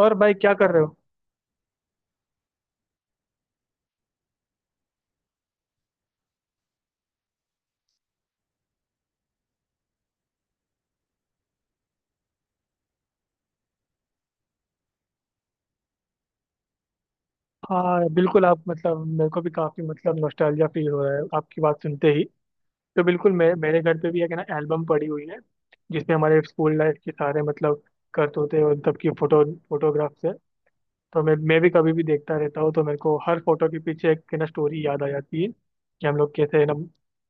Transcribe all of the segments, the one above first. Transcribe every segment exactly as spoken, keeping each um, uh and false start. और भाई क्या कर रहे हो? हाँ, बिल्कुल। आप मतलब मेरे को भी काफी मतलब नॉस्टैल्जिया फील हो रहा है आपकी बात सुनते ही। तो बिल्कुल मैं मेरे घर पे भी एक ना एल्बम पड़ी हुई है, जिसमें हमारे स्कूल लाइफ के सारे मतलब करतूते और सबकी फोटो फोटोग्राफ्स है। तो मैं मैं भी कभी भी देखता रहता हूँ, तो मेरे को हर फोटो के पीछे एक ना स्टोरी याद आ जाती है कि हम लोग कैसे ना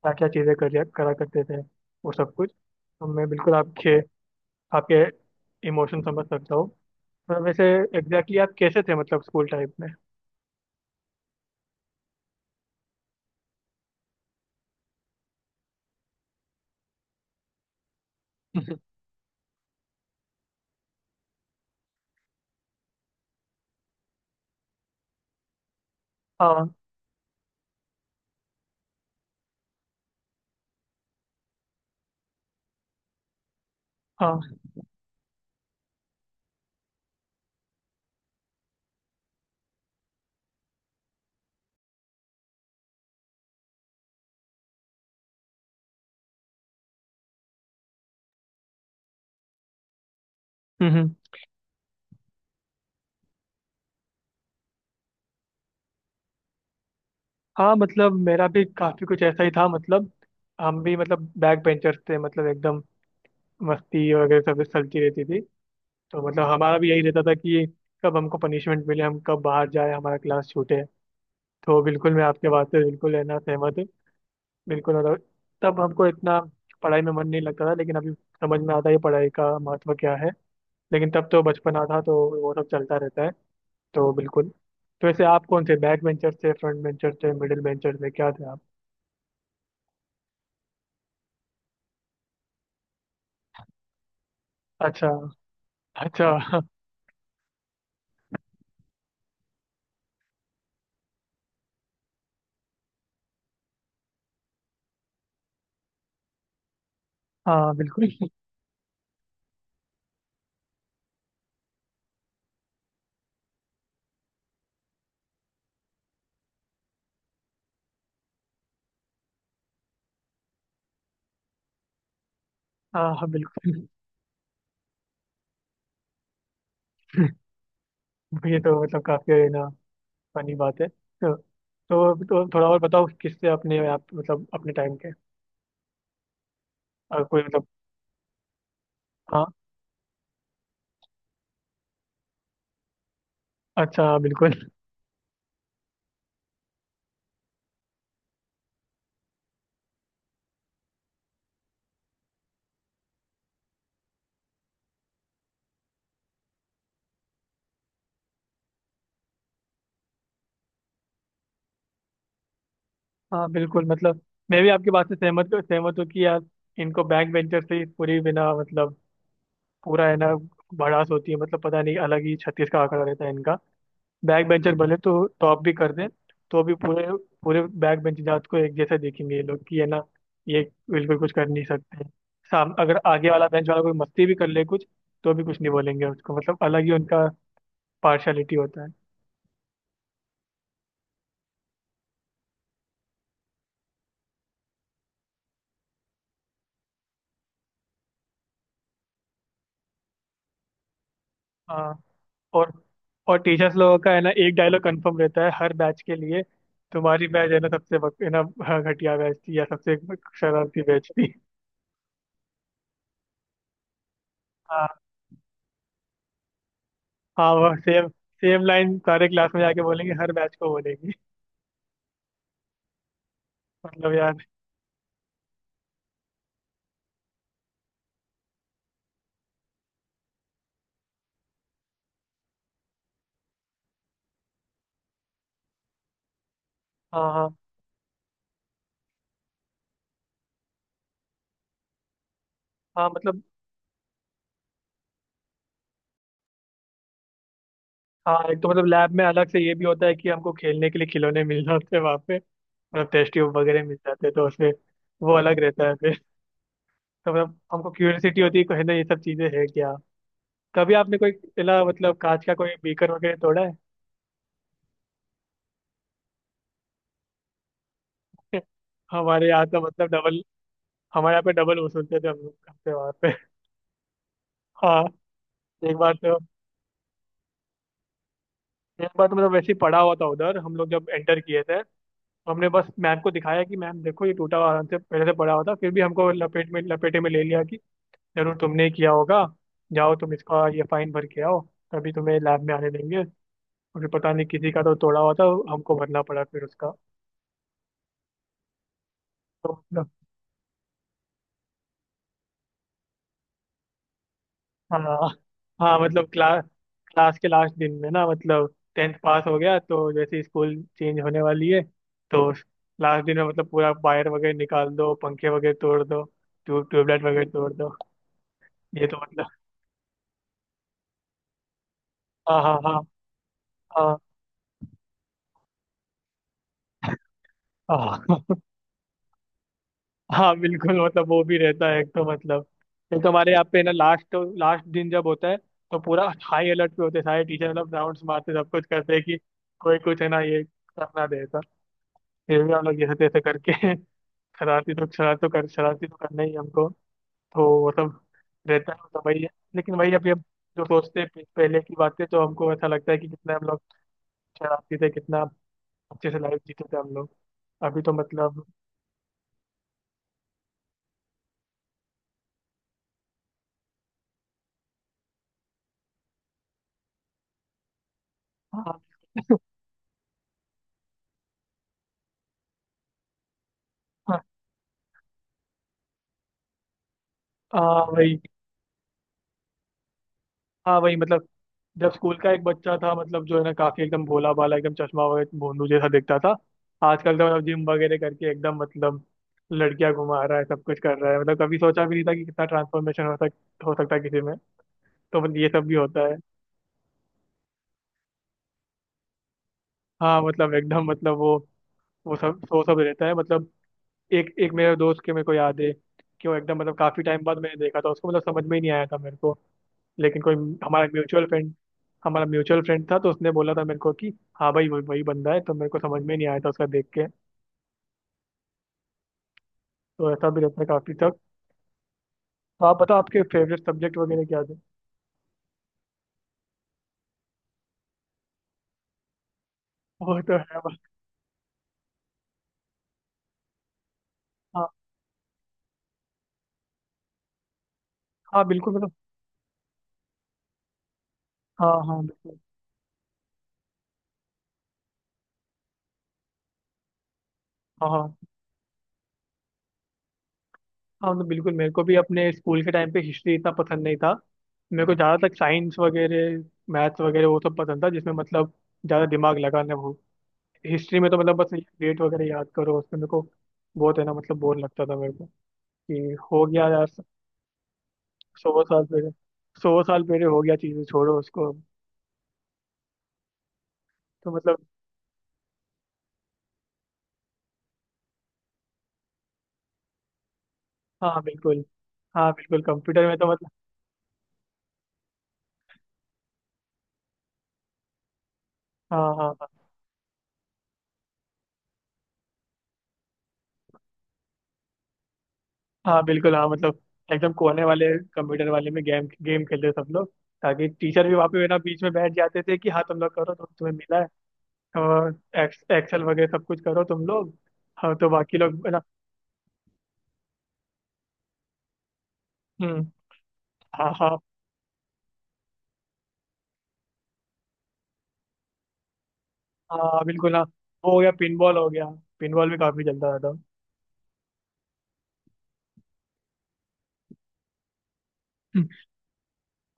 क्या क्या चीजें कर करा करते थे, वो सब कुछ। तो मैं बिल्कुल आपके आपके इमोशन समझ सकता हूँ। तो वैसे एग्जैक्टली exactly आप कैसे थे मतलब स्कूल टाइम में? हाँ, हाँ। हम्म, हम्म। हाँ मतलब मेरा भी काफी कुछ ऐसा ही था। मतलब हम भी मतलब बैक बेंचर्स थे, मतलब एकदम मस्ती वगैरह सब चलती रहती थी। तो मतलब हमारा भी यही रहता था कि कब हमको पनिशमेंट मिले, हम कब बाहर जाए, हमारा क्लास छूटे। तो बिल्कुल मैं आपके बात से बिल्कुल है ना सहमत हूँ। बिल्कुल मतलब तब हमको इतना पढ़ाई में मन नहीं लगता था, लेकिन अभी समझ में आता है पढ़ाई का महत्व क्या है। लेकिन तब तो बचपना था, तो वो सब चलता रहता है। तो बिल्कुल। तो वैसे आप कौन थे? बैक वेंचर थे, फ्रंट वेंचर थे, मिडिल वेंचर थे, क्या थे आप? अच्छा। अच्छा। हाँ, बिल्कुल। हाँ, हाँ, बिल्कुल। ये तो मतलब काफी है ना फनी बात है। तो तो, तो, थोड़ा और बताओ किससे अपने आप मतलब अपने टाइम के। अगर कोई मतलब। हाँ। अच्छा, बिल्कुल। हाँ, बिल्कुल मतलब मैं भी आपकी बात से सहमत सहमत हूँ कि यार इनको बैक वेंचर से ही पूरी बिना मतलब पूरा है ना भड़ास होती है। मतलब पता नहीं अलग ही छत्तीस का आंकड़ा रहता है इनका। बैक बेंचर भले तो टॉप भी कर दें, तो भी पूरे पूरे बैक बेंच जात को एक जैसा देखेंगे ये लोग कि है ना ये बिल्कुल कुछ कर नहीं सकते। साम अगर आगे वाला बेंच वाला कोई मस्ती भी कर ले कुछ, तो भी कुछ नहीं बोलेंगे उसको। मतलब अलग ही उनका पार्शलिटी होता है। हाँ। और और टीचर्स लोगों का है ना एक डायलॉग कंफर्म रहता है हर बैच के लिए। तुम्हारी बैच है ना सबसे बक- है ना। हाँ, घटिया बैच थी, या सबसे शरारती बैच थी। हाँ, हाँ। वो सेम सेम लाइन सारे क्लास में जाके बोलेंगे, हर बैच को बोलेंगे। मतलब यार। हाँ, हाँ, हाँ। मतलब हाँ, एक तो मतलब लैब में अलग से ये भी होता है कि हमको खेलने के लिए खिलौने मिल जाते हैं वहाँ पे। मतलब टेस्ट ट्यूब वगैरह मिल जाते हैं, तो उसमें वो अलग रहता है फिर। तो मतलब हमको क्यूरियोसिटी होती है कि है ना ये सब चीजें है क्या। कभी आपने कोई पहला मतलब कांच का कोई बीकर वगैरह तोड़ा है? हमारे यहाँ तो मतलब डबल हमारे यहाँ पे डबल वसूलते थे हम लोग करते वहाँ पे। हाँ, एक बार तो एक बार तो मतलब वैसे ही पड़ा हुआ था उधर हम लोग जब एंटर किए थे, हमने बस मैम को दिखाया कि मैम देखो ये टूटा हुआ आराम से पहले से पड़ा हुआ था। फिर भी हमको लपेट में लपेटे में ले लिया कि जरूर तुमने ही किया होगा, जाओ तुम इसका ये फाइन भर के आओ, तभी तुम्हें लैब में आने देंगे। और फिर पता नहीं किसी का तो तोड़ा हुआ था, हमको भरना पड़ा फिर उसका। तो मतलब हाँ, हाँ। मतलब क्लास क्लास के लास्ट दिन में ना मतलब टेंथ पास हो गया, तो जैसे ही स्कूल चेंज होने वाली है, तो लास्ट दिन में मतलब पूरा वायर वगैरह निकाल दो, पंखे वगैरह तोड़ दो, ट्यूब ट्यूबलाइट वगैरह तोड़ दो। ये तो मतलब हाँ, हाँ, हाँ, हाँ, हाँ, हाँ। हाँ बिल्कुल मतलब वो भी रहता है। एक तो मतलब एक तो हमारे यहाँ पे ना लास्ट लास्ट दिन जब होता है, तो पूरा हाई अलर्ट पे होते हैं सारे टीचर। मतलब राउंड्स मारते, सब कुछ करते हैं कि कोई कुछ है ना ये करना देता। फिर भी हम लोग जैसे तैसे करके शरारती तो शरारत तो कर शरारती तो करना ही है हमको। तो वो सब रहता है, तो वही है। लेकिन वही अभी हम जो सोचते हैं पे- पहले की बातें, तो हमको ऐसा लगता है कि कितना हम लोग शरारती थे, कितना अच्छे से लाइफ जीते थे हम लोग। अभी तो मतलब हाँ। हाँ, वही। हाँ, वही मतलब जब स्कूल का एक बच्चा था मतलब जो है ना काफी एकदम भोला भाला एकदम चश्मा वगैरह भोंदू जैसा दिखता था, आजकल तो मतलब जिम वगैरह करके एकदम मतलब लड़कियां घुमा रहा है, सब कुछ कर रहा है। मतलब कभी सोचा भी नहीं था कि कितना ट्रांसफॉर्मेशन हो सक हो सकता है किसी में। तो मतलब ये सब भी होता है। हाँ मतलब एकदम मतलब वो वो सब वो सब रहता है। मतलब एक एक मेरे दोस्त के मेरे को याद है कि वो एकदम मतलब काफी टाइम बाद मैंने देखा था उसको, मतलब समझ में ही नहीं आया था मेरे को। लेकिन कोई हमारा म्यूचुअल फ्रेंड हमारा म्यूचुअल फ्रेंड था, तो उसने बोला था मेरे को कि हाँ भाई वही वही बंदा है, तो मेरे को समझ में नहीं आया था उसका देख के। तो ऐसा भी रहता है काफी तक। तो आप बताओ आपके फेवरेट सब्जेक्ट वगैरह क्या थे? वो तो है बस। हाँ, हाँ, बिल्कुल मतलब। हाँ, हाँ, बिल्कुल। हाँ, हाँ, हाँ। मतलब बिल्कुल मेरे को भी अपने स्कूल के टाइम पे हिस्ट्री इतना पसंद नहीं था। मेरे को ज़्यादातर साइंस वगैरह मैथ्स वगैरह वो सब पसंद था, जिसमें मतलब ज़्यादा दिमाग लगाना हो। हिस्ट्री में तो मतलब बस डेट वगैरह याद करो, उसमें मेरे को बहुत है ना मतलब बोर लगता था मेरे को कि हो गया यार, सौ साल पहले सौ साल पहले हो गया चीज़ें, छोड़ो उसको। तो मतलब हाँ, बिल्कुल। हाँ, बिल्कुल। कंप्यूटर में तो मतलब हाँ, हाँ, हाँ, हाँ, बिल्कुल। हाँ मतलब एकदम कोने वाले कंप्यूटर वाले में गेम गेम खेलते सब लोग, ताकि टीचर भी वहाँ पे ना बीच में बैठ जाते थे कि हाँ तुम लोग करो, तो तुम्हें मिला है और एक्स, एक्सेल वगैरह सब कुछ करो तुम लोग। हाँ, तो बाकी लोग है ना। हम्म। हाँ, हाँ, हाँ, बिल्कुल। हाँ, वो हो गया पिनबॉल हो गया, पिनबॉल भी काफी चलता था।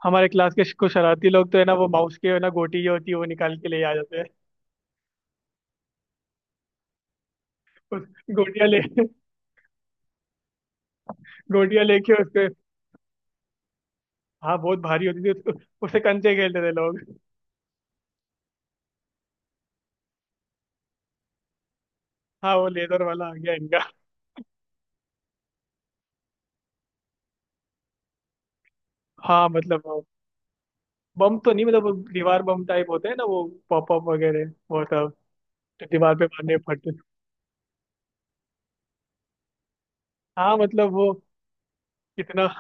हमारे क्लास के कुछ शरारती लोग तो है ना वो माउस के है ना गोटी जो होती है वो निकाल के ले आ जाते हैं। गोटियां ले गोटियां लेके उसके। हाँ, बहुत भारी होती थी उसको, उससे कंचे खेलते थे लोग। हाँ, वो लेदर वाला आ गया इनका। हाँ मतलब वो बम तो नहीं, मतलब वो दीवार बम टाइप होते हैं ना वो, पॉप अप वगैरह, वो सब जो दीवार पे मारने पड़ते। हाँ मतलब वो कितना।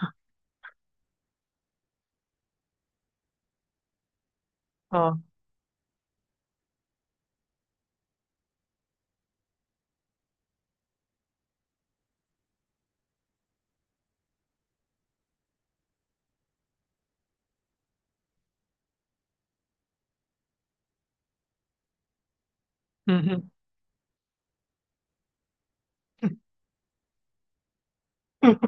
हाँ। हम्म, हम्म।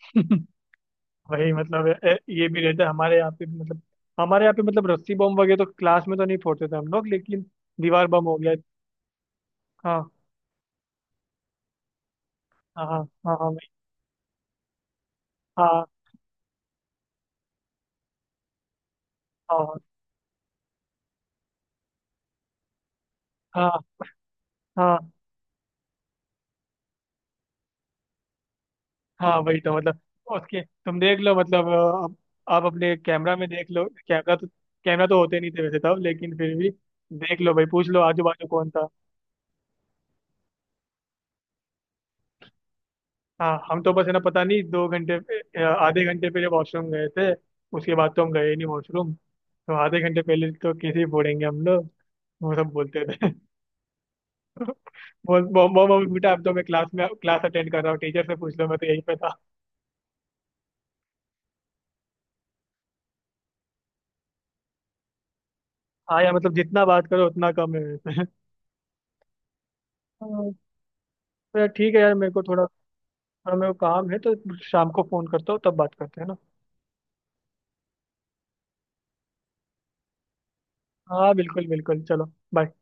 वही मतलब ए- ए- ये भी रहता है हमारे यहाँ पे भी। मतलब हमारे यहाँ पे मतलब रस्सी बम वगैरह तो क्लास में तो नहीं फोड़ते थे हम लोग, लेकिन दीवार बम हो गया। हाँ, हाँ, हाँ, हाँ, हाँ भाई। हाँ, हाँ, हाँ, हाँ, हाँ। वही तो मतलब उसके तुम देख लो। मतलब अ, अब आप अपने कैमरा में देख लो। कैमरा तो कैमरा तो होते नहीं थे वैसे तब, लेकिन फिर भी देख लो भाई, पूछ लो आजू बाजू कौन था। हाँ, हम तो बस है ना पता नहीं दो घंटे पे- अ, आधे घंटे पहले वॉशरूम गए थे, उसके बाद तो हम गए ही नहीं वॉशरूम, तो आधे घंटे पहले तो कैसे ही फोड़ेंगे हम लोग। वो सब बोलते थे। बोल मो- मो- मम्मी बेटा, अब तो मैं क्लास में क्लास अटेंड कर रहा हूँ, टीचर से पूछ लो, मैं तो यहीं पे था। हाँ यार मतलब जितना बात करो उतना कम है वैसे। हाँ। तो यार ठीक है यार, मेरे को थोड़ा थोड़ा मेरे को काम है, तो शाम को फोन करता हूँ, तब बात करते हैं ना। हाँ, बिल्कुल, बिल्कुल। चलो, बाय।